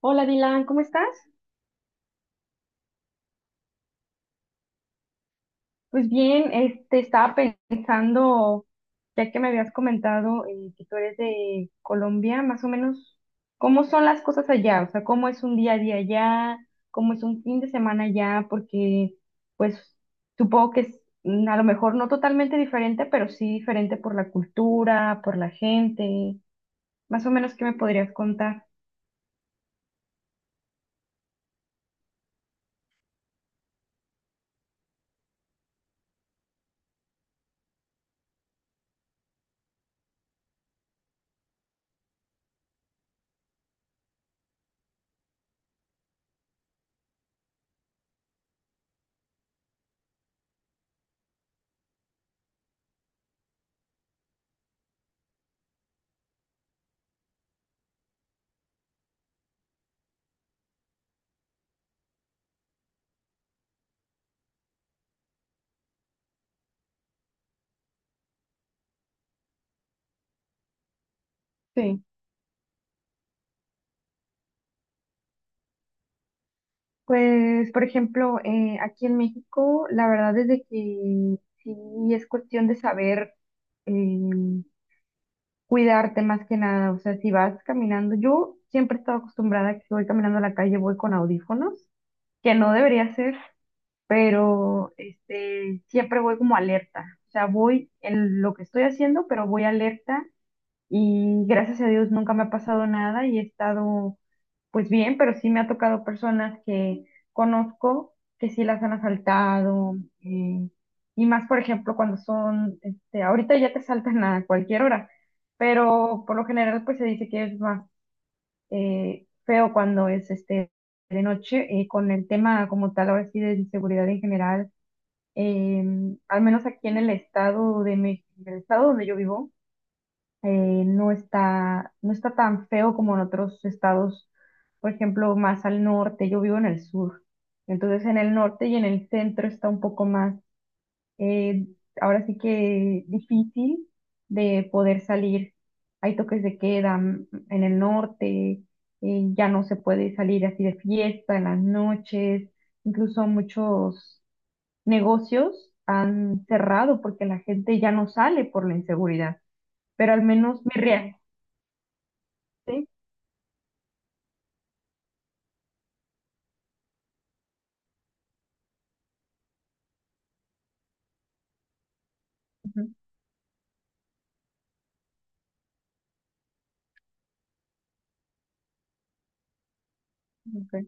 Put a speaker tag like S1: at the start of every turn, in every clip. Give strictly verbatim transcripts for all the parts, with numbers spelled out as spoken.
S1: Hola Dylan, ¿cómo estás? Pues bien, este, estaba pensando, ya que me habías comentado eh, que tú eres de Colombia, más o menos, ¿cómo son las cosas allá? O sea, ¿cómo es un día a día allá? ¿Cómo es un fin de semana allá? Porque, pues, supongo que es mm, a lo mejor no totalmente diferente, pero sí diferente por la cultura, por la gente. Más o menos, ¿qué me podrías contar? Sí. Pues, por ejemplo, eh, aquí en México, la verdad es de que sí es cuestión de saber eh, cuidarte más que nada. O sea, si vas caminando, yo siempre he estado acostumbrada a que si voy caminando a la calle, voy con audífonos, que no debería ser, pero este, siempre voy como alerta. O sea, voy en lo que estoy haciendo, pero voy alerta y gracias a Dios nunca me ha pasado nada y he estado pues bien, pero sí me ha tocado personas que conozco que sí las han asaltado, eh, y más por ejemplo cuando son, este, ahorita ya te asaltan a cualquier hora, pero por lo general pues se dice que es más eh, feo cuando es este de noche, eh, con el tema como tal ahora sí de inseguridad en general. Em, al menos aquí en el estado de México, en el estado donde yo vivo, eh, no está, no está tan feo como en otros estados, por ejemplo, más al norte, yo vivo en el sur, entonces en el norte y en el centro está un poco más, eh, ahora sí que difícil de poder salir. Hay toques de queda mm, en el norte, eh, ya no se puede salir así de fiesta en las noches, incluso muchos negocios han cerrado porque la gente ya no sale por la inseguridad, pero al menos mi, rea- Sí. Ujú, ok.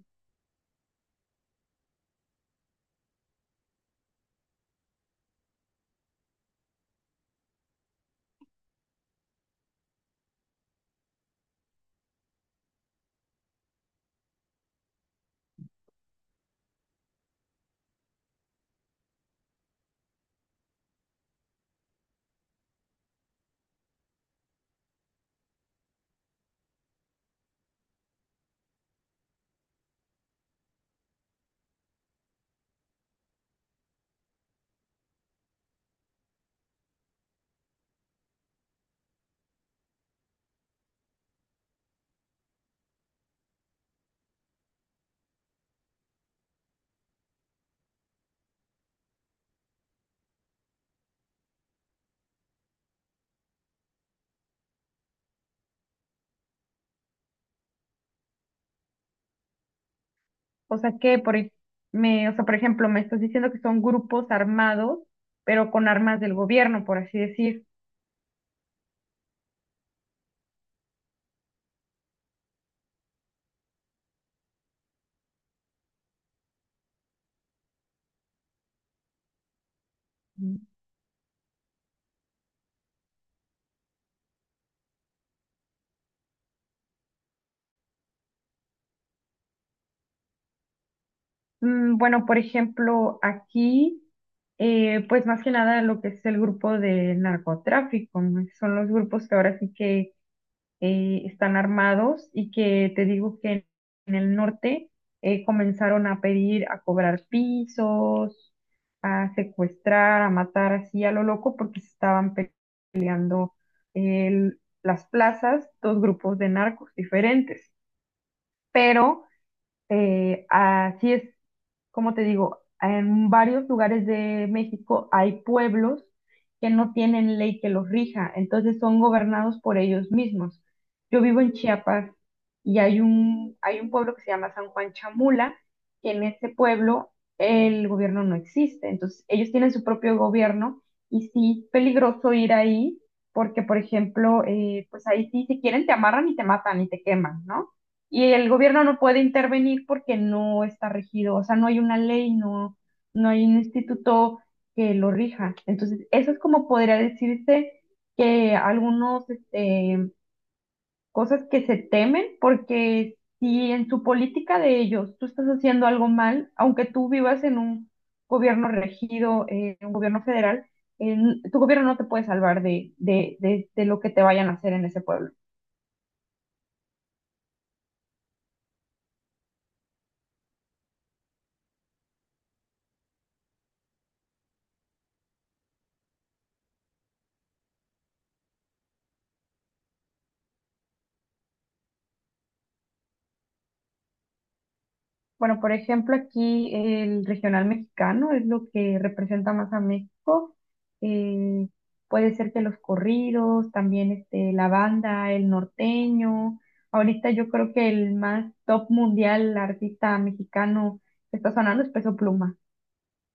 S1: O sea que por ej- me, o sea, por ejemplo, me estás diciendo que son grupos armados, pero con armas del gobierno, por así decir. Ujú. Mm, Bueno, por ejemplo, aquí, eh, pues más que nada lo que es el grupo de narcotráfico, ¿no? Son los grupos que ahora sí que eh, están armados y que te digo que en el norte eh, comenzaron a pedir, a cobrar pisos, a secuestrar, a matar así a lo loco porque se estaban pe- peleando el- las plazas, dos grupos de narcos diferentes. Pero eh, así es como te digo, en varios lugares de México hay pueblos que no tienen ley que los rija, entonces son gobernados por ellos mismos. Yo vivo en Chiapas y hay un, hay un pueblo que se llama San Juan Chamula, que en ese pueblo el gobierno no existe, entonces ellos tienen su propio gobierno y sí, peligroso ir ahí. Porque, por ejemplo, eh, pues ahí sí, si quieren te amarran y te matan y te queman, ¿no? Y el gobierno no puede intervenir porque no está regido, o sea, no hay una ley, no, no hay un instituto que lo rija. Entonces, eso es como podría decirse que algunos, este, cosas que se temen porque si en su política de ellos tú estás haciendo algo mal, aunque tú vivas en un gobierno regido, eh, en un gobierno federal, eh, tu gobierno no te puede salvar de, de, de, de lo que te vayan a hacer en ese pueblo. Bueno, por ejemplo, aquí el regional mexicano es lo que representa más a México. Puede ser que los corridos, también este, la banda, el norteño. Ahorita yo creo que el más top mundial artista mexicano que está sonando es Peso Pluma.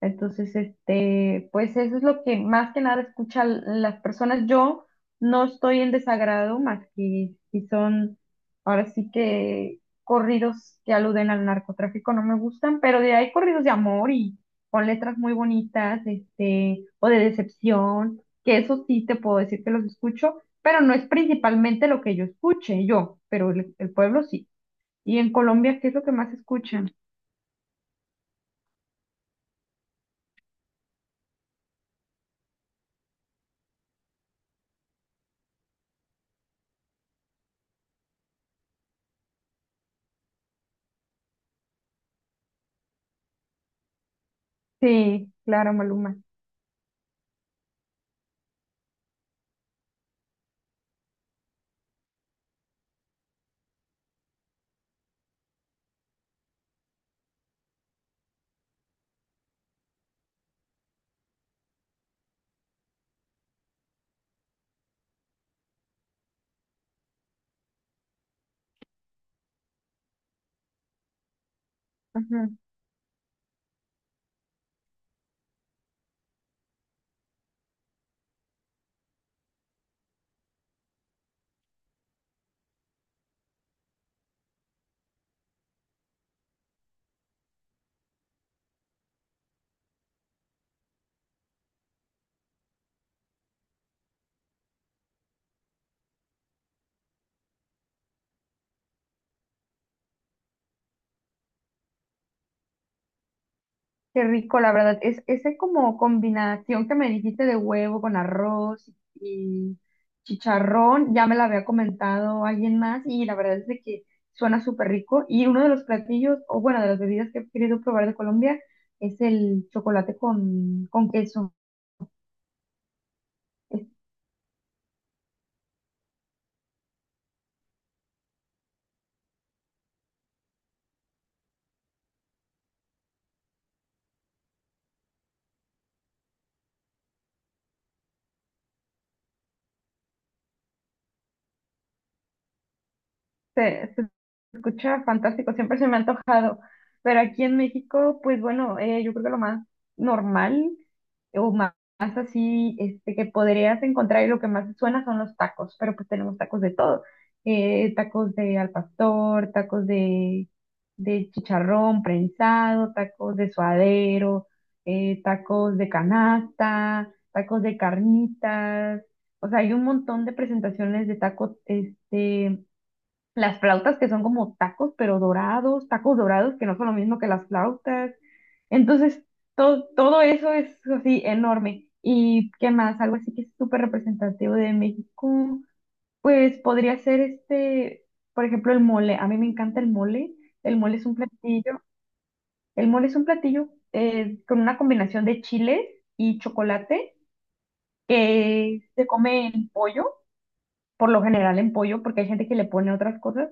S1: Entonces, este, pues eso es lo que más que nada escuchan las personas. Yo no estoy en desagrado más que si son, ahora sí que corridos que aluden al narcotráfico no me gustan, pero de ahí corridos de amor y con letras muy bonitas, este, o de decepción, que eso sí te puedo decir que los escucho, pero no es principalmente lo que yo escuche, yo, pero el, el pueblo sí. Y en Colombia, ¿qué es lo que más escuchan? Sí, claro, Maluma. Ajá. Qué rico, la verdad. Es esa como combinación que me dijiste de huevo con arroz y chicharrón, ya me la había comentado alguien más y la verdad es de que suena súper rico. Y uno de los platillos, o bueno, de las bebidas que he querido probar de Colombia es el chocolate con, con queso. Este, se escucha fantástico, siempre se me ha antojado. Pero aquí en México, pues bueno, eh, yo creo que lo más normal o sí, este, que podrías encontrar y lo que más suena son los tacos, pero pues tenemos tacos de todo. Eh, tacos de al pastor, tacos de, de chicharrón prensado, tacos de suadero, eh, tacos de canasta, tacos de carnitas. O sea, hay un montón de presentaciones de tacos, este, las flautas que son como tacos, pero dorados, tacos dorados que no son lo mismo que las flautas. Entonces, todo, todo eso es así enorme. ¿Y qué más? Algo así que es súper representativo de México, pues podría ser este, por ejemplo, el mole. A mí me encanta el mole. El mole es un platillo. El mole es un platillo, eh, con una combinación de chiles y chocolate que se come en pollo, por lo general en pollo, porque hay gente que le pone otras cosas,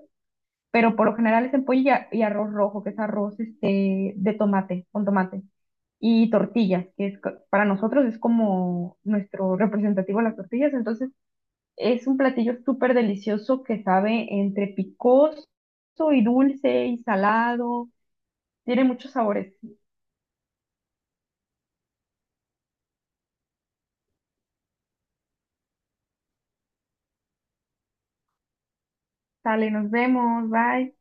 S1: pero por lo general es en pollo y, a- y arroz rojo, que es arroz este, de tomate, con tomate. Y tortillas, que es, co- para nosotros es como nuestro representativo las tortillas. Entonces, es un platillo súper delicioso que sabe entre picoso y dulce y salado. Tiene muchos sabores. Sale, nos vemos, bye.